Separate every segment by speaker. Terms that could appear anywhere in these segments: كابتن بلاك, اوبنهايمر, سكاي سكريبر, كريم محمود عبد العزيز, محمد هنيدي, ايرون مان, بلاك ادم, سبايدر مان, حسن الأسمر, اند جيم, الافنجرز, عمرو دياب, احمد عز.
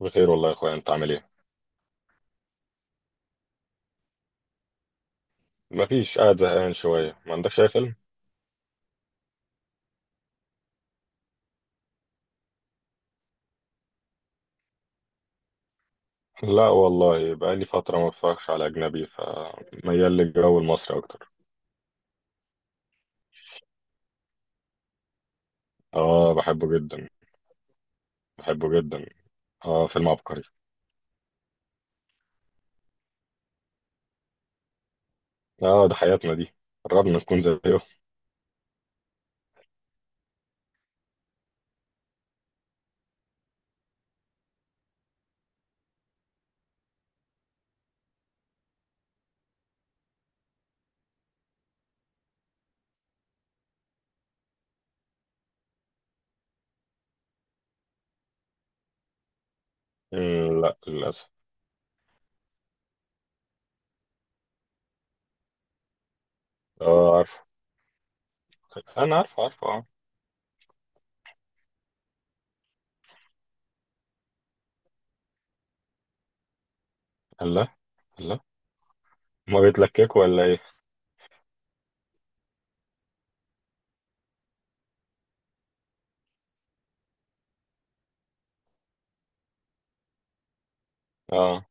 Speaker 1: بخير والله يا اخويا، انت عامل ايه؟ مفيش، قاعد زهقان شويه. ما عندكش اي فيلم؟ لا والله، بقى لي فتره ما بتفرجش على اجنبي، فميال للجو المصري اكتر. اه، بحبه جدا. بحبه جدا. اه، فيلم عبقري. اه ده حياتنا دي. قربنا نكون زيه. مم، لا للاسف. اه، عارفه. انا عارفه، عارفه، اه. الله. الله. ما بيتلككوا ولا ايه؟ اه.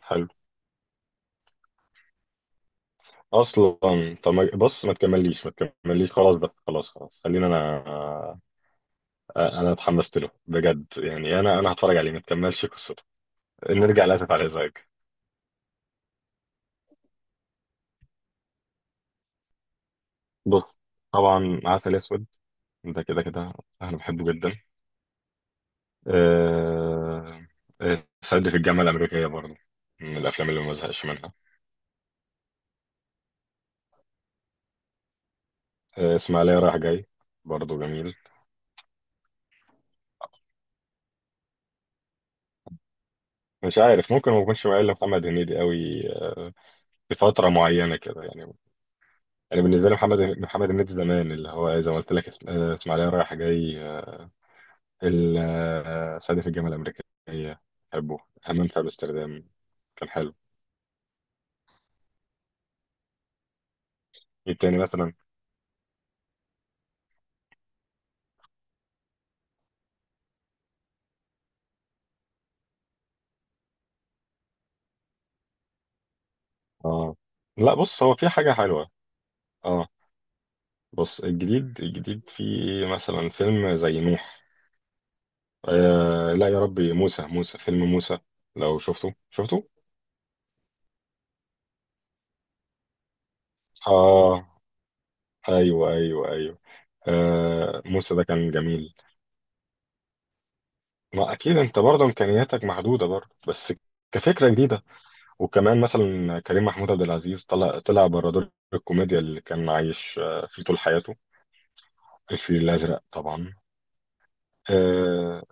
Speaker 1: حلو. اصلا. طب، بص، ما تكمليش، ما تكمليش، خلاص بقى، خلاص، خلاص، خلينا. انا اتحمست له بجد يعني، انا هتفرج عليه، ما تكملش قصته. نرجع لاسف على الازعاج. بص. طبعا عسل اسود. ده كده كده. انا بحبه جدا. أه... آه، سد في الجامعه الامريكيه برضه. من الافلام اللي ما بزهقش منها. اسماعيليه رايح جاي. برضه جميل. مش عارف، ممكن ما اكونش مايل لمحمد هنيدي قوي. آه، في فتره معينه كده يعني. يعني بالنسبه لي محمد محمد هنيدي زمان، اللي هو زي ما قلت لك، اسماعيليه رايح جاي. صعيدي في الجامعة الأمريكية. بحبه. همام في أمستردام. كان حلو. ايه التاني مثلا؟ اه، لا، بص هو في حاجة حلوة. اه. بص الجديد، في مثلا فيلم زي ميح. آه لا يا ربي، موسى، فيلم موسى. لو شفته شفته. اه، ايوه، ايوه، ايوه. آه، موسى ده كان جميل. ما اكيد انت برضه امكانياتك محدودة برضه، بس. كفكرة جديدة. وكمان مثلا كريم محمود عبد العزيز طلع، بره دور الكوميديا اللي كان عايش، فيه طول حياته. الفيل الأزرق طبعا. آه،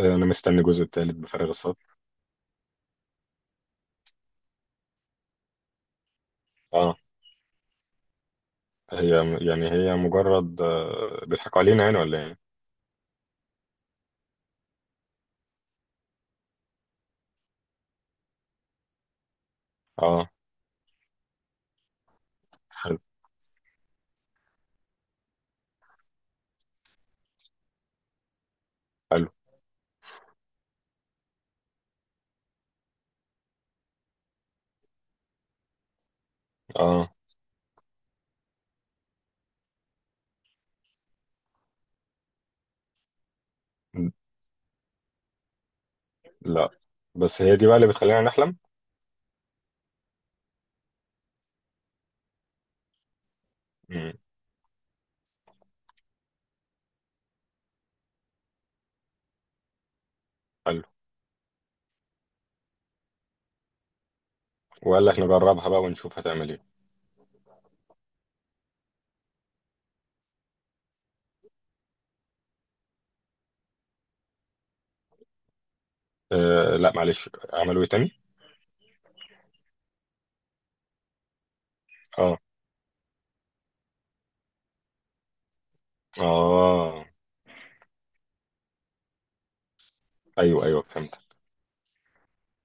Speaker 1: أنا مستني الجزء التالت بفارغ الصبر. اه. هي يعني هي مجرد، بيضحكوا علينا يعني ولا ايه؟ اه. حلو. حلو. اه، لا بس هي دي بقى اللي بتخلينا نحلم. مم. حلو. وقال لك نجربها بقى ونشوف هتعمل ايه. آه لا، معلش، عملوا ايه تاني؟ اه. اه. ايوه، ايوه، فهمت.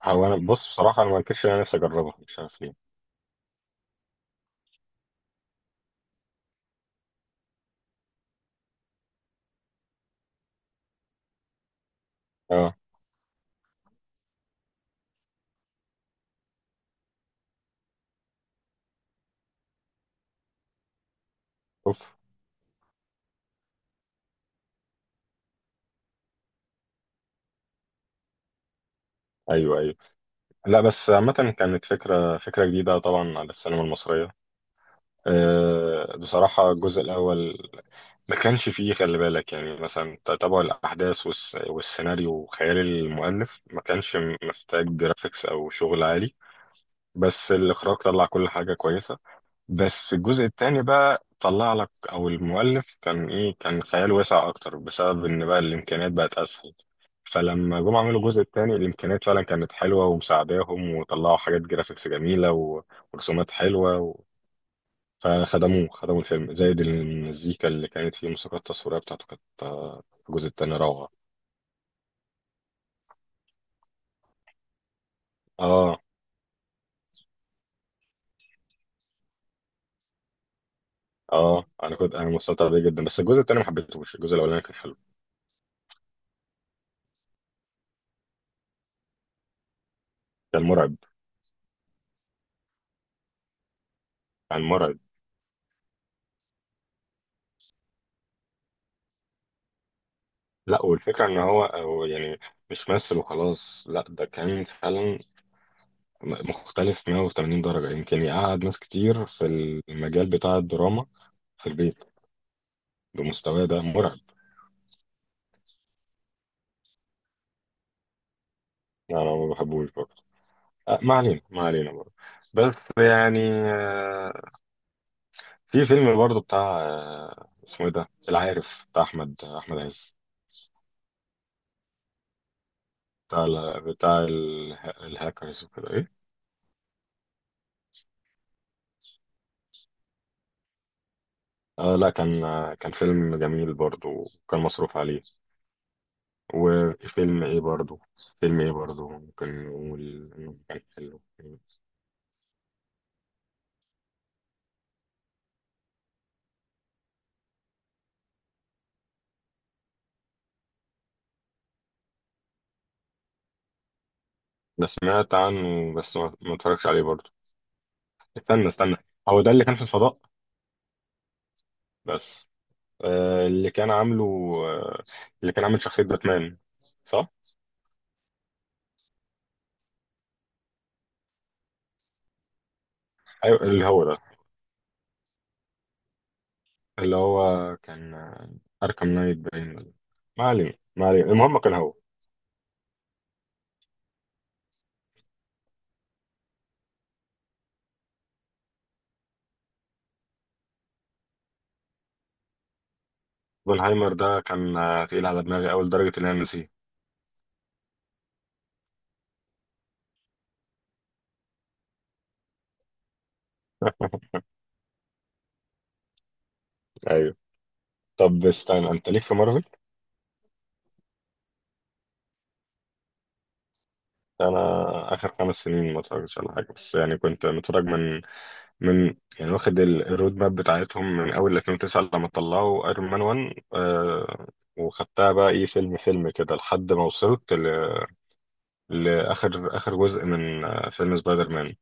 Speaker 1: هو انا بص بصراحه انا، ما انكرش إن انا نفسي اجربها، مش عارف ليه. اه. اوف. ايوه، ايوه، لا بس عامه، كانت فكره، جديده طبعا على السينما المصريه. بصراحه الجزء الاول، ما كانش فيه خلي بالك يعني مثلا تتابع الاحداث، والسيناريو وخيال المؤلف، ما كانش محتاج جرافيكس او شغل عالي. بس الاخراج طلع كل حاجه كويسه. بس الجزء الثاني بقى طلع لك، او المؤلف كان ايه، كان خيال واسع اكتر، بسبب ان بقى الامكانيات بقت اسهل. فلما جم عملوا الجزء الثاني الامكانيات فعلا كانت حلوه ومساعداهم وطلعوا حاجات جرافيكس جميله ورسومات حلوه. خدموا الفيلم زائد المزيكا اللي كانت فيه، الموسيقى التصويريه بتاعته كانت، في الجزء الثاني روعه. اه. اه، انا مستمتع بيه جدا، بس الجزء الثاني ما حبيتهوش، الجزء الاولاني كان حلو. كان مرعب. كان مرعب. لا، والفكره ان هو، يعني مش مثل وخلاص، لا ده كان فعلا مختلف 180 درجه، يمكن يقعد ناس كتير في المجال بتاع الدراما في البيت بمستواه ده، مرعب. يعني انا ما بحبوش برضه. ما علينا، ما علينا برضه. بس يعني. آه، في فيلم برضه بتاع، اسمه ايه ده، العارف بتاع احمد، احمد عز. بتاع ال- بتاع اله- الهاكرز وكده، ايه. آه لا، كان فيلم جميل برضه وكان مصروف عليه. وفيلم ايه برضه، ممكن نقول انه كان حلو. بس سمعت عنه، بس ما اتفرجش عليه برضه. استنى، استنى. هو ده اللي كان في الفضاء؟ بس، اللي كان عامله، آه، اللي كان عامل شخصية باتمان، صح؟ أيوة اللي هو ده. اللي هو كان، أركام نايت باين. ما علينا، ما علينا، المهم كان هو. اوبنهايمر ده كان، تقيل على دماغي أول درجة إن أنا نسيه. أيوه. طب استنى، أنت ليك في مارفل؟ أنا آخر 5 سنين ما اتفرجتش على حاجة، بس يعني كنت متفرج من، يعني واخد الرود ماب بتاعتهم من أول 2009 لما طلعوا أيرون مان 1، وخدتها بقى إيه، فيلم، كده لحد ما وصلت لآخر، جزء من، فيلم سبايدر مان.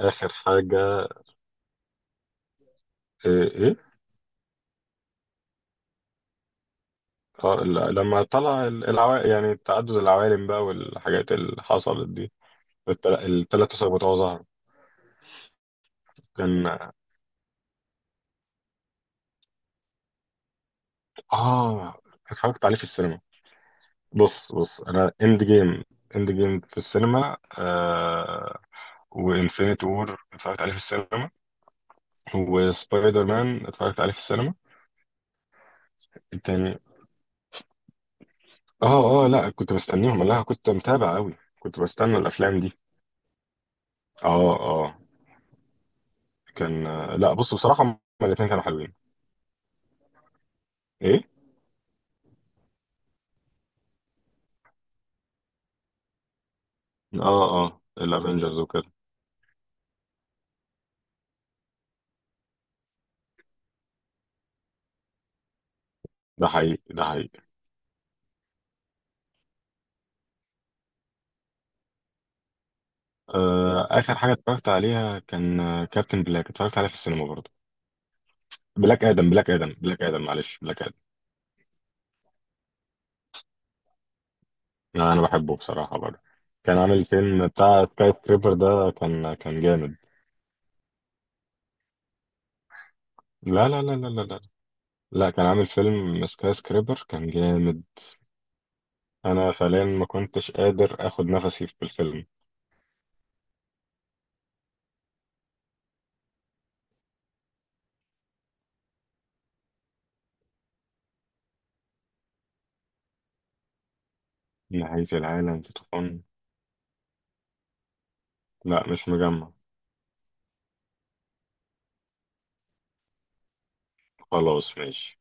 Speaker 1: آخر حاجة. إيه، إيه؟ لما طلع العوالم يعني تعدد العوالم بقى والحاجات اللي حصلت دي. التلات أسر بتوعه ظهر. كان آه اتفرجت عليه في السينما. بص، بص، أنا إند جيم. إند جيم في السينما. وإنفينيتي وور اتفرجت عليه في السينما. وسبايدر مان اتفرجت عليه في السينما. التاني. لأ، كنت مستنيهم، لا كنت متابع أوي، كنت بستنى الأفلام دي. اه، آه. كان لا، بص بصراحة هما الاتنين كانوا حلوين. ايه؟ اه، اه، الافنجرز وكده. ده حقيقي، ده حقيقي. اخر حاجة اتفرجت عليها كان، كابتن بلاك، اتفرجت عليها في السينما برضه. بلاك ادم، معلش، بلاك ادم. انا بحبه بصراحة برضه. كان عامل فيلم بتاع سكاي سكريبر ده كان جامد. لا لا لا لا لا لا لا. كان عامل فيلم سكاي سكريبر كان جامد. انا فعليا ما كنتش قادر اخد نفسي في الفيلم. نهاية العالم في طوفان. لا، مش مجمع. خلاص، ماشي.